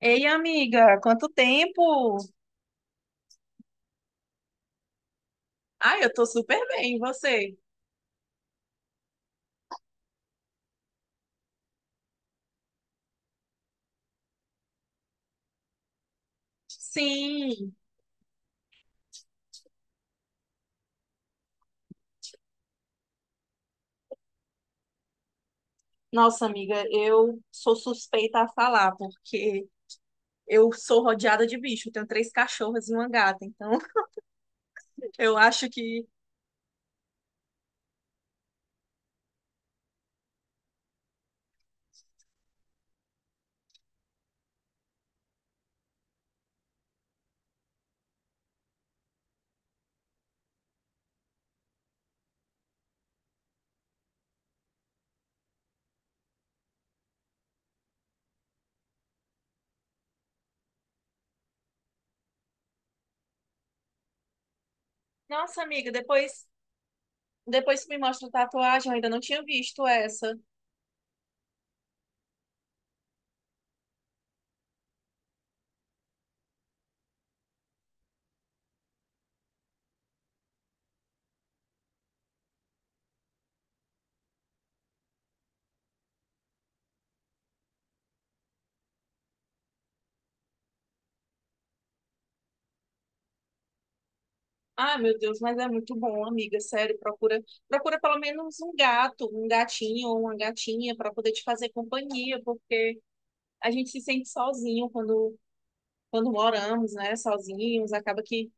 Ei, amiga, quanto tempo? Ah, eu tô super bem, e você? Sim. Nossa, amiga, eu sou suspeita a falar, porque eu sou rodeada de bicho. Eu tenho três cachorras e uma gata, então eu acho que... Nossa, amiga, depois que me mostra a tatuagem, eu ainda não tinha visto essa. Ah, meu Deus, mas é muito bom, amiga, sério, procura, procura pelo menos um gato, um gatinho ou uma gatinha para poder te fazer companhia, porque a gente se sente sozinho quando moramos, né, sozinhos, acaba que,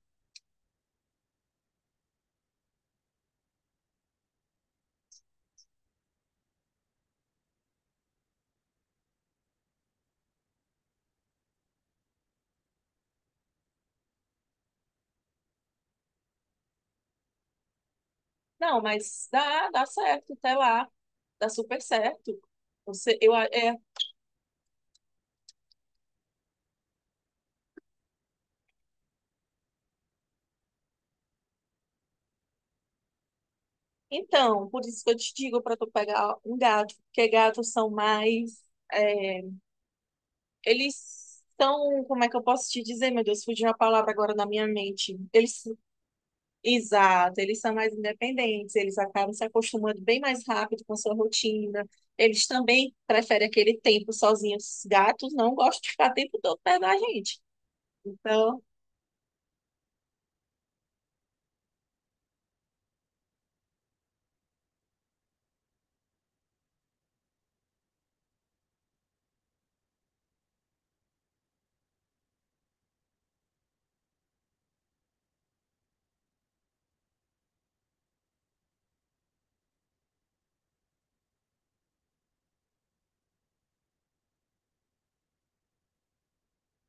não, mas dá certo, até lá, dá super certo. Você, eu, a- é, então, por isso que eu te digo para tu pegar um gato, porque gatos são mais, é, eles são, como é que eu posso te dizer, meu Deus, fugiu a palavra agora na minha mente. Exato, eles são mais independentes, eles acabam se acostumando bem mais rápido com a sua rotina. Eles também preferem aquele tempo sozinhos. Os gatos não gostam de ficar o tempo todo perto da gente. Então,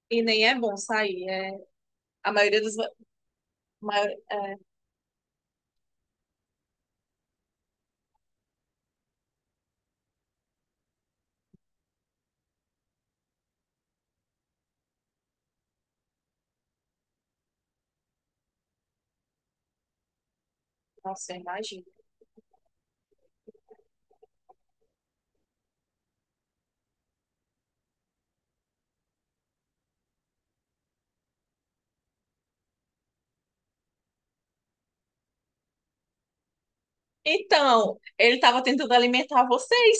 e nem é bom sair. É, a maioria dos. Maior, é, nossa, eu imagino. Então, ele estava tentando alimentar vocês,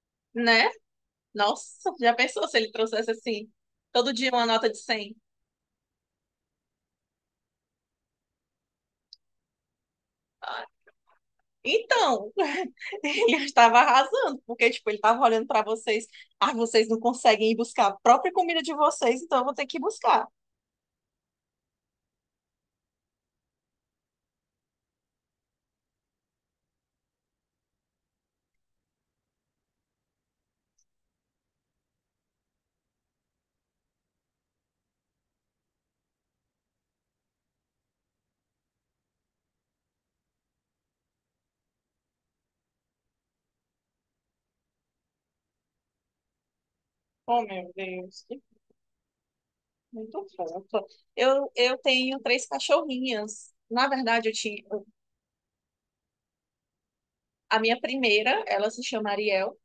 né? Nossa, já pensou se ele trouxesse assim, todo dia uma nota de 100? Então, ele estava arrasando, porque, tipo, ele estava olhando para vocês. Ah, vocês não conseguem ir buscar a própria comida de vocês, então eu vou ter que ir buscar. Oh, meu Deus, que muito fofa. Eu tenho três cachorrinhas. Na verdade, eu tinha... A minha primeira, ela se chama Ariel.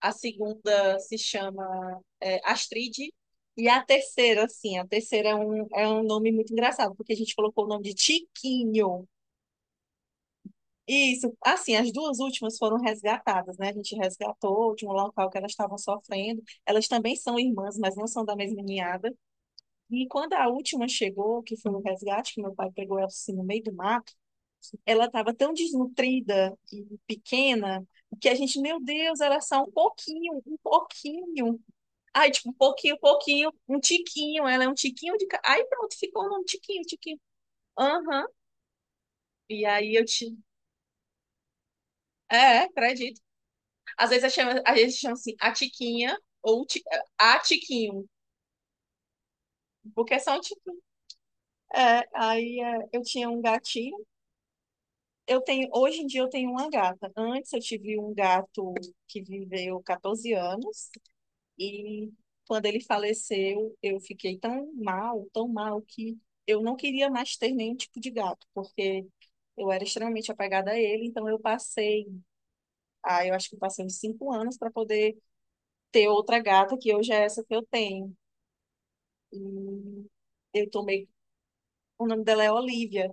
A segunda se chama Astrid. E a terceira, assim, a terceira é um nome muito engraçado, porque a gente colocou o nome de Tiquinho. Isso, assim, as duas últimas foram resgatadas, né? A gente resgatou de um local que elas estavam sofrendo. Elas também são irmãs, mas não são da mesma ninhada. E quando a última chegou, que foi o resgate, que meu pai pegou ela assim no meio do mato, ela estava tão desnutrida e pequena que a gente, meu Deus, ela é só um pouquinho, um pouquinho. Ai, tipo, um pouquinho, pouquinho, um tiquinho, ela é um tiquinho Aí pronto, ficou um tiquinho, tiquinho. Aham. E aí eu te. É, acredito. Às vezes a gente chama assim a Tiquinha ou a Tiquinho, porque são tipo. É, aí é, eu tinha um gatinho. Hoje em dia eu tenho uma gata. Antes eu tive um gato que viveu 14 anos e quando ele faleceu eu fiquei tão mal que eu não queria mais ter nenhum tipo de gato, porque eu era extremamente apegada a ele, então eu acho que eu passei uns 5 anos para poder ter outra gata, que hoje é essa que eu tenho. E eu tomei. O nome dela é Olivia.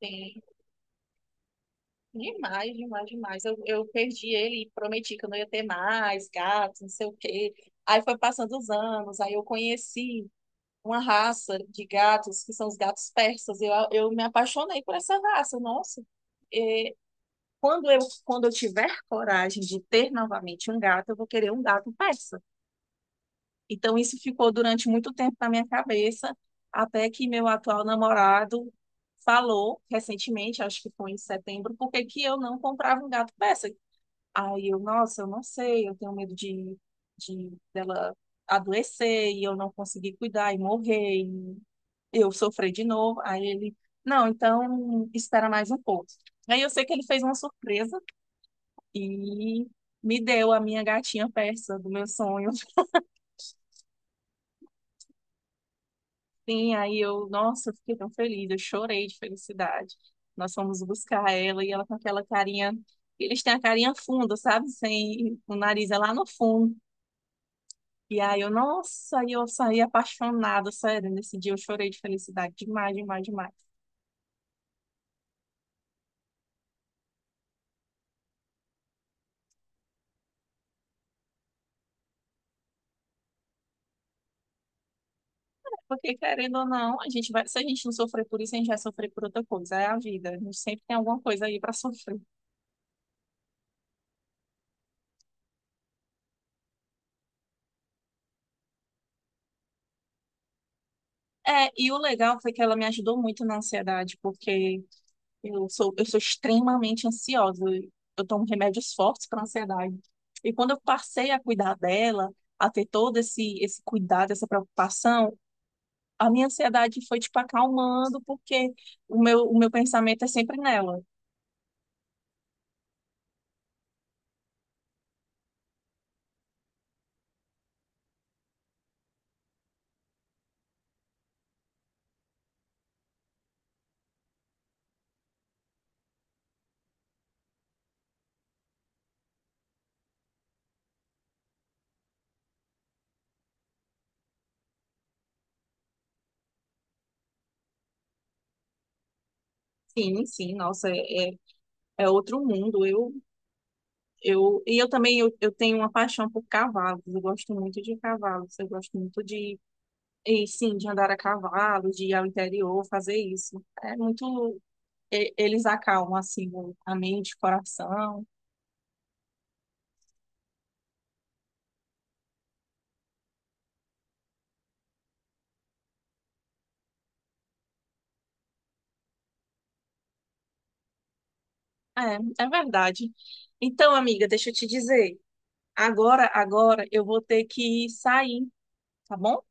Tem demais, demais, demais. Eu perdi ele e prometi que eu não ia ter mais gatos, não sei o quê. Aí foi passando os anos, aí eu conheci uma raça de gatos, que são os gatos persas. Eu me apaixonei por essa raça, nossa. É, Quando eu, tiver coragem de ter novamente um gato, eu vou querer um gato persa. Então, isso ficou durante muito tempo na minha cabeça, até que meu atual namorado falou recentemente, acho que foi em setembro, por que que eu não comprava um gato persa. Aí eu, nossa, eu não sei, eu tenho medo de, dela adoecer e eu não conseguir cuidar e morrer, e eu sofrer de novo. Aí ele, não, então espera mais um pouco. Aí eu sei que ele fez uma surpresa e me deu a minha gatinha persa do meu sonho. Sim, aí eu, nossa, eu fiquei tão feliz, eu chorei de felicidade. Nós fomos buscar ela e ela com aquela carinha, eles têm a carinha funda, sabe? Sem o nariz é lá no fundo. E aí eu, nossa, aí eu saí apaixonada, sério, nesse dia eu chorei de felicidade demais, demais, demais. Porque querendo ou não, se a gente não sofrer por isso, a gente vai sofrer por outra coisa, é a vida. A gente sempre tem alguma coisa aí para sofrer. É, e o legal foi que ela me ajudou muito na ansiedade, porque eu sou extremamente ansiosa. Eu tomo remédios fortes para ansiedade. E quando eu passei a cuidar dela, a ter todo esse cuidado, essa preocupação, a minha ansiedade foi, tipo, acalmando, porque o meu pensamento é sempre nela. Sim, sim, nossa, é outro mundo. E eu também eu tenho uma paixão por cavalos. Eu gosto muito de cavalos. Eu gosto muito sim, de andar a cavalo, de ir ao interior, fazer isso. É muito. Eles acalmam assim a mente, o coração. É, é verdade. Então, amiga, deixa eu te dizer. Agora eu vou ter que sair, tá bom?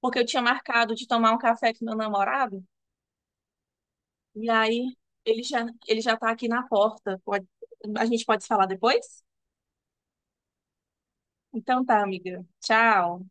Porque eu tinha marcado de tomar um café com meu namorado e aí ele já tá aqui na porta. A gente pode se falar depois? Então tá, amiga. Tchau.